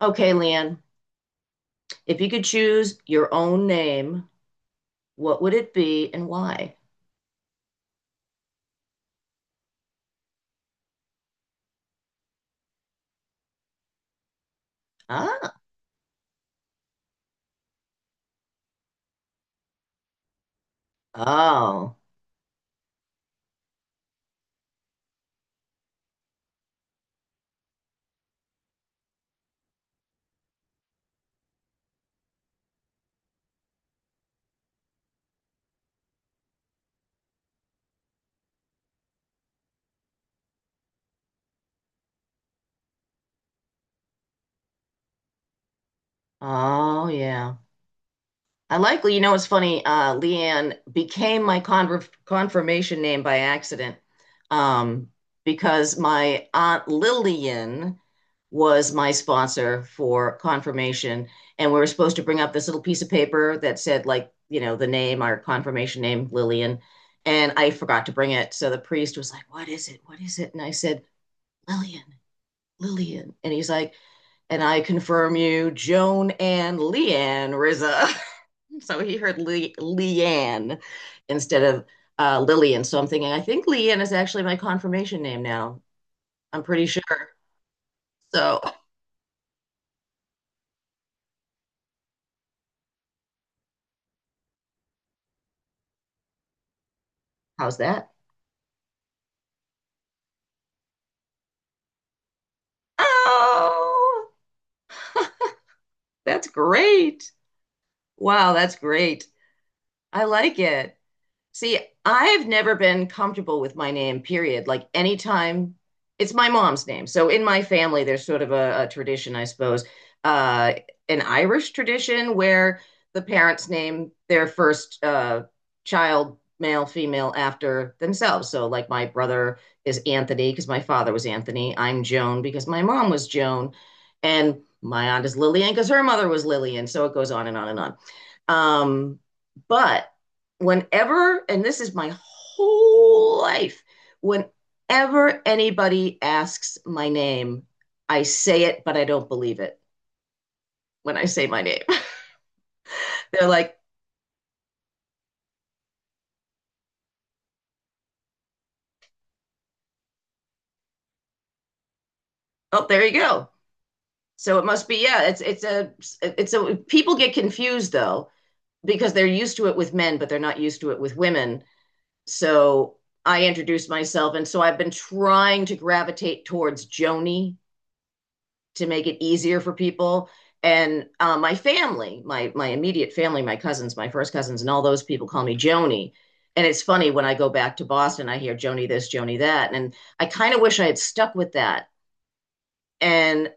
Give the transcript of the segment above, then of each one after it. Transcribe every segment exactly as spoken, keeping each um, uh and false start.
Okay, Leanne, if you could choose your own name, what would it be and why? Ah, oh, oh, yeah. I likely, you know, it's funny. Uh, Leanne became my conver- confirmation name by accident, um, because my aunt Lillian was my sponsor for confirmation, and we were supposed to bring up this little piece of paper that said, like, you know, the name, our confirmation name, Lillian, and I forgot to bring it. So the priest was like, "What is it? What is it?" And I said, "Lillian, Lillian," and he's like, "And I confirm you, Joan and Leanne Rizza." So he heard Le Leanne instead of uh, Lillian. So I'm thinking, I think Leanne is actually my confirmation name now. I'm pretty sure. So how's that? Oh, that's great. Wow, that's great. I like it. See, I've never been comfortable with my name, period. Like anytime it's my mom's name. So in my family, there's sort of a, a tradition, I suppose, uh, an Irish tradition where the parents name their first, uh, child, male, female, after themselves. So like my brother is Anthony because my father was Anthony. I'm Joan because my mom was Joan. And my aunt is Lillian because her mother was Lillian. So it goes on and on and on. Um, but whenever, and this is my whole life, whenever anybody asks my name, I say it, but I don't believe it when I say my name. They're like, "Oh, there you go." So it must be, yeah, it's it's a it's a people get confused, though, because they're used to it with men, but they're not used to it with women. So I introduce myself, and so I've been trying to gravitate towards Joni to make it easier for people. And uh, my family, my my immediate family, my cousins, my first cousins, and all those people call me Joni. And it's funny when I go back to Boston, I hear Joni this, Joni that, and I kind of wish I had stuck with that. And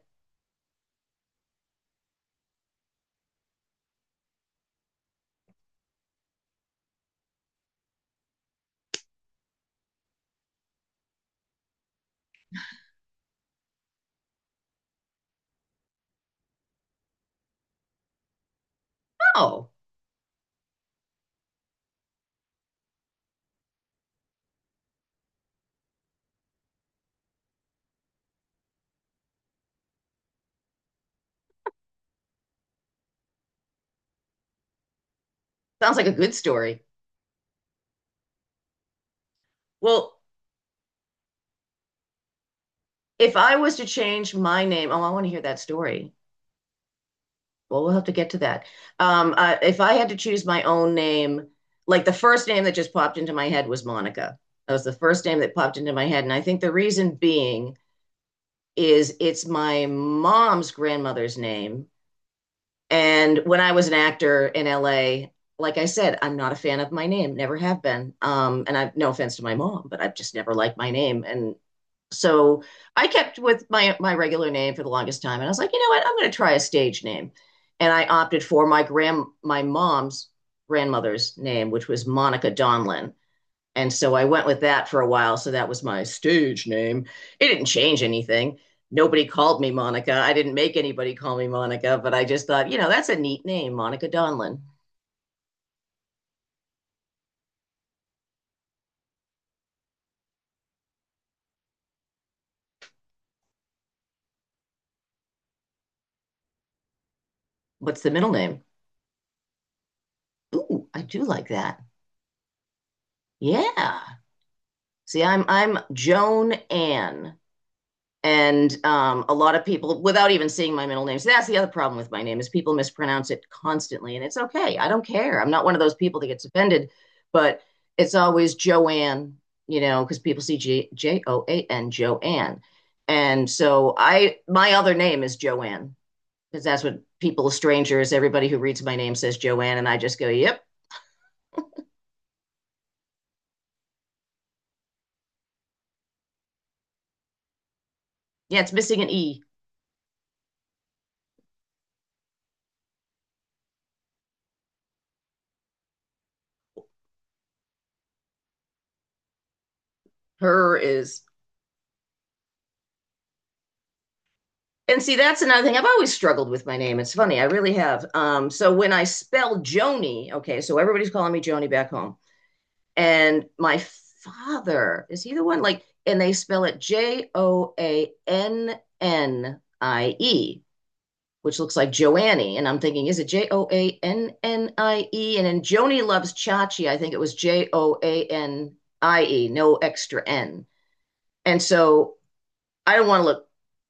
oh, sounds like a good story. Well, if I was to change my name, oh, I want to hear that story. Well, we'll have to get to that. Um, uh, if I had to choose my own name, like the first name that just popped into my head was Monica. That was the first name that popped into my head. And I think the reason being is it's my mom's grandmother's name. And when I was an actor in L A, like I said, I'm not a fan of my name, never have been. Um, and I've no offense to my mom, but I've just never liked my name. And so I kept with my my regular name for the longest time, and I was like, you know what? I'm going to try a stage name, and I opted for my grand my mom's grandmother's name, which was Monica Donlin, and so I went with that for a while. So that was my stage name. It didn't change anything. Nobody called me Monica. I didn't make anybody call me Monica, but I just thought, you know, that's a neat name, Monica Donlin. What's the middle name? Ooh, I do like that. Yeah. See, I'm I'm Joan Ann. And um, a lot of people, without even seeing my middle name, so that's the other problem with my name is people mispronounce it constantly, and it's okay. I don't care. I'm not one of those people that gets offended, but it's always Joanne, you know, because people see J J O A N Joanne, and so I my other name is Joanne because that's what people, strangers, everybody who reads my name says Joanne, and I just go, yep. Yeah, it's missing an E. Her is. And see, that's another thing. I've always struggled with my name. It's funny. I really have. Um, so when I spell Joni, okay, so everybody's calling me Joni back home. And my father, is he the one? Like, and they spell it J O A N N I E, which looks like Joannie. And I'm thinking, is it J O A N N I E? And in Joni Loves Chachi, I think it was J O A N I E, no extra N. And so I don't want to look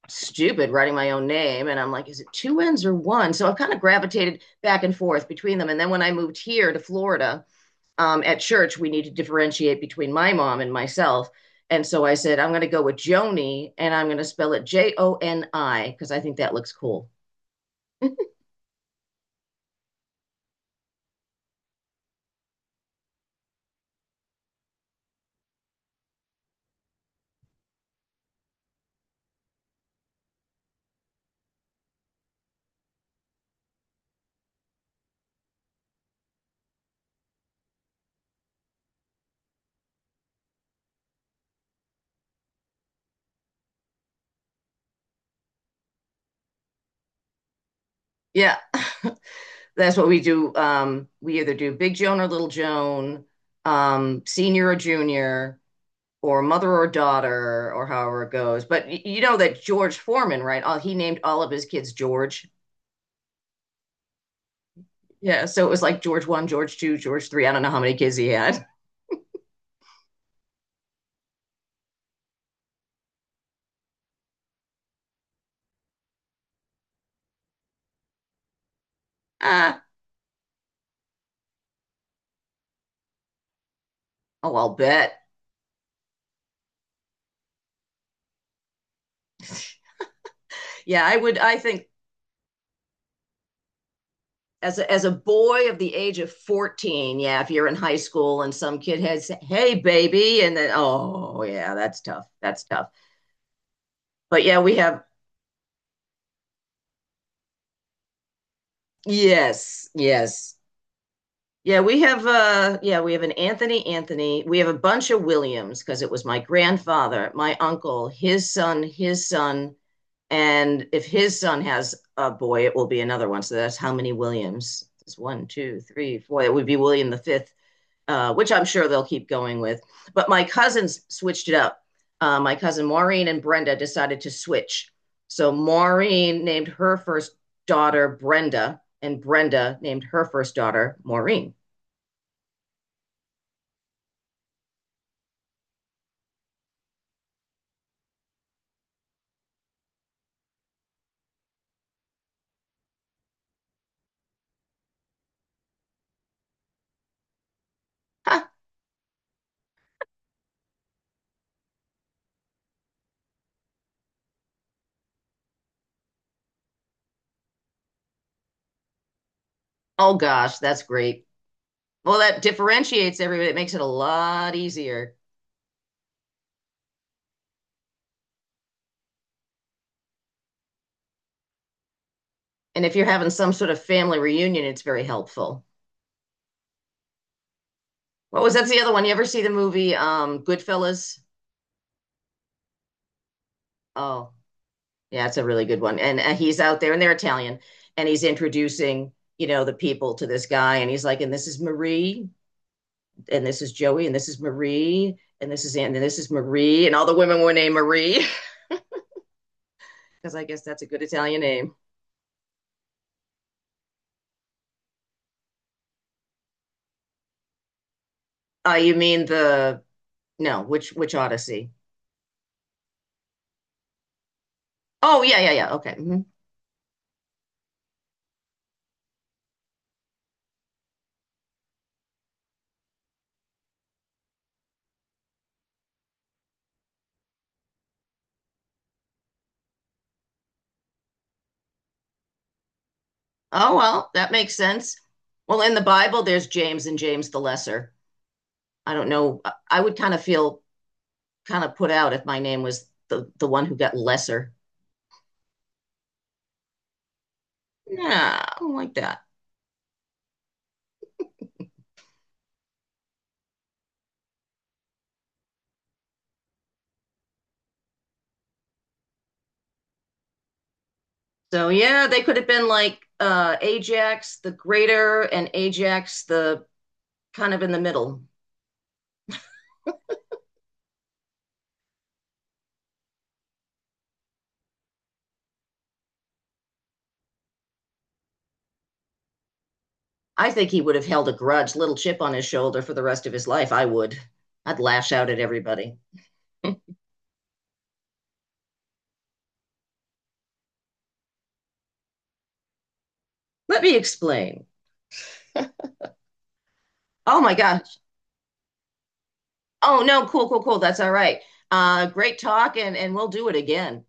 stupid writing my own name. And I'm like, is it two N's or one? So I've kind of gravitated back and forth between them. And then when I moved here to Florida, um, at church, we need to differentiate between my mom and myself. And so I said, I'm going to go with Joni and I'm going to spell it J O N I because I think that looks cool. Yeah, that's what we do. Um, we either do Big Joan or Little Joan, um, senior or junior, or mother or daughter, or however it goes. But you know that George Foreman, right? All, he named all of his kids George. Yeah, so it was like George one, George two, George three. I don't know how many kids he had. Ah, oh, I'll bet. Yeah, I would. I think, as a, as a boy of the age of fourteen, yeah, if you're in high school and some kid has, "Hey baby," and then, oh yeah, that's tough, that's tough. But yeah, we have, yes, yes, yeah, we have, uh yeah, we have an Anthony, Anthony. We have a bunch of Williams because it was my grandfather, my uncle, his son, his son. And if his son has a boy, it will be another one. So that's how many Williams. It's one, two, three, four. It would be William the fifth, uh, which I'm sure they'll keep going with. But my cousins switched it up. Uh, my cousin Maureen and Brenda decided to switch. So Maureen named her first daughter Brenda, and Brenda named her first daughter Maureen. Huh. Oh gosh, that's great. Well, that differentiates everybody. It makes it a lot easier. And if you're having some sort of family reunion, it's very helpful. What was That's the other one? You ever see the movie, um, Goodfellas? Oh, yeah, it's a really good one. And uh, he's out there and they're Italian, and he's introducing, you know, the people to this guy, and he's like, and this is Marie, and this is Joey, and this is Marie, and this is Anne, and this is Marie, and all the women were named Marie because I guess that's a good Italian name. Uh, you mean the no, which which Odyssey? Oh, yeah, yeah, yeah. Okay. Mhm. Oh, well, that makes sense. Well, in the Bible, there's James and James the Lesser. I don't know. I would kind of feel kind of put out if my name was the the one who got lesser. Yeah, I don't like that. So yeah, they could have been like, uh Ajax the Greater and Ajax the kind of in the middle. I think he would have held a grudge, little chip on his shoulder for the rest of his life. I would. I'd lash out at everybody. Let me explain. Oh my gosh. Oh no, cool, cool, cool. That's all right. Uh great talk, and and we'll do it again.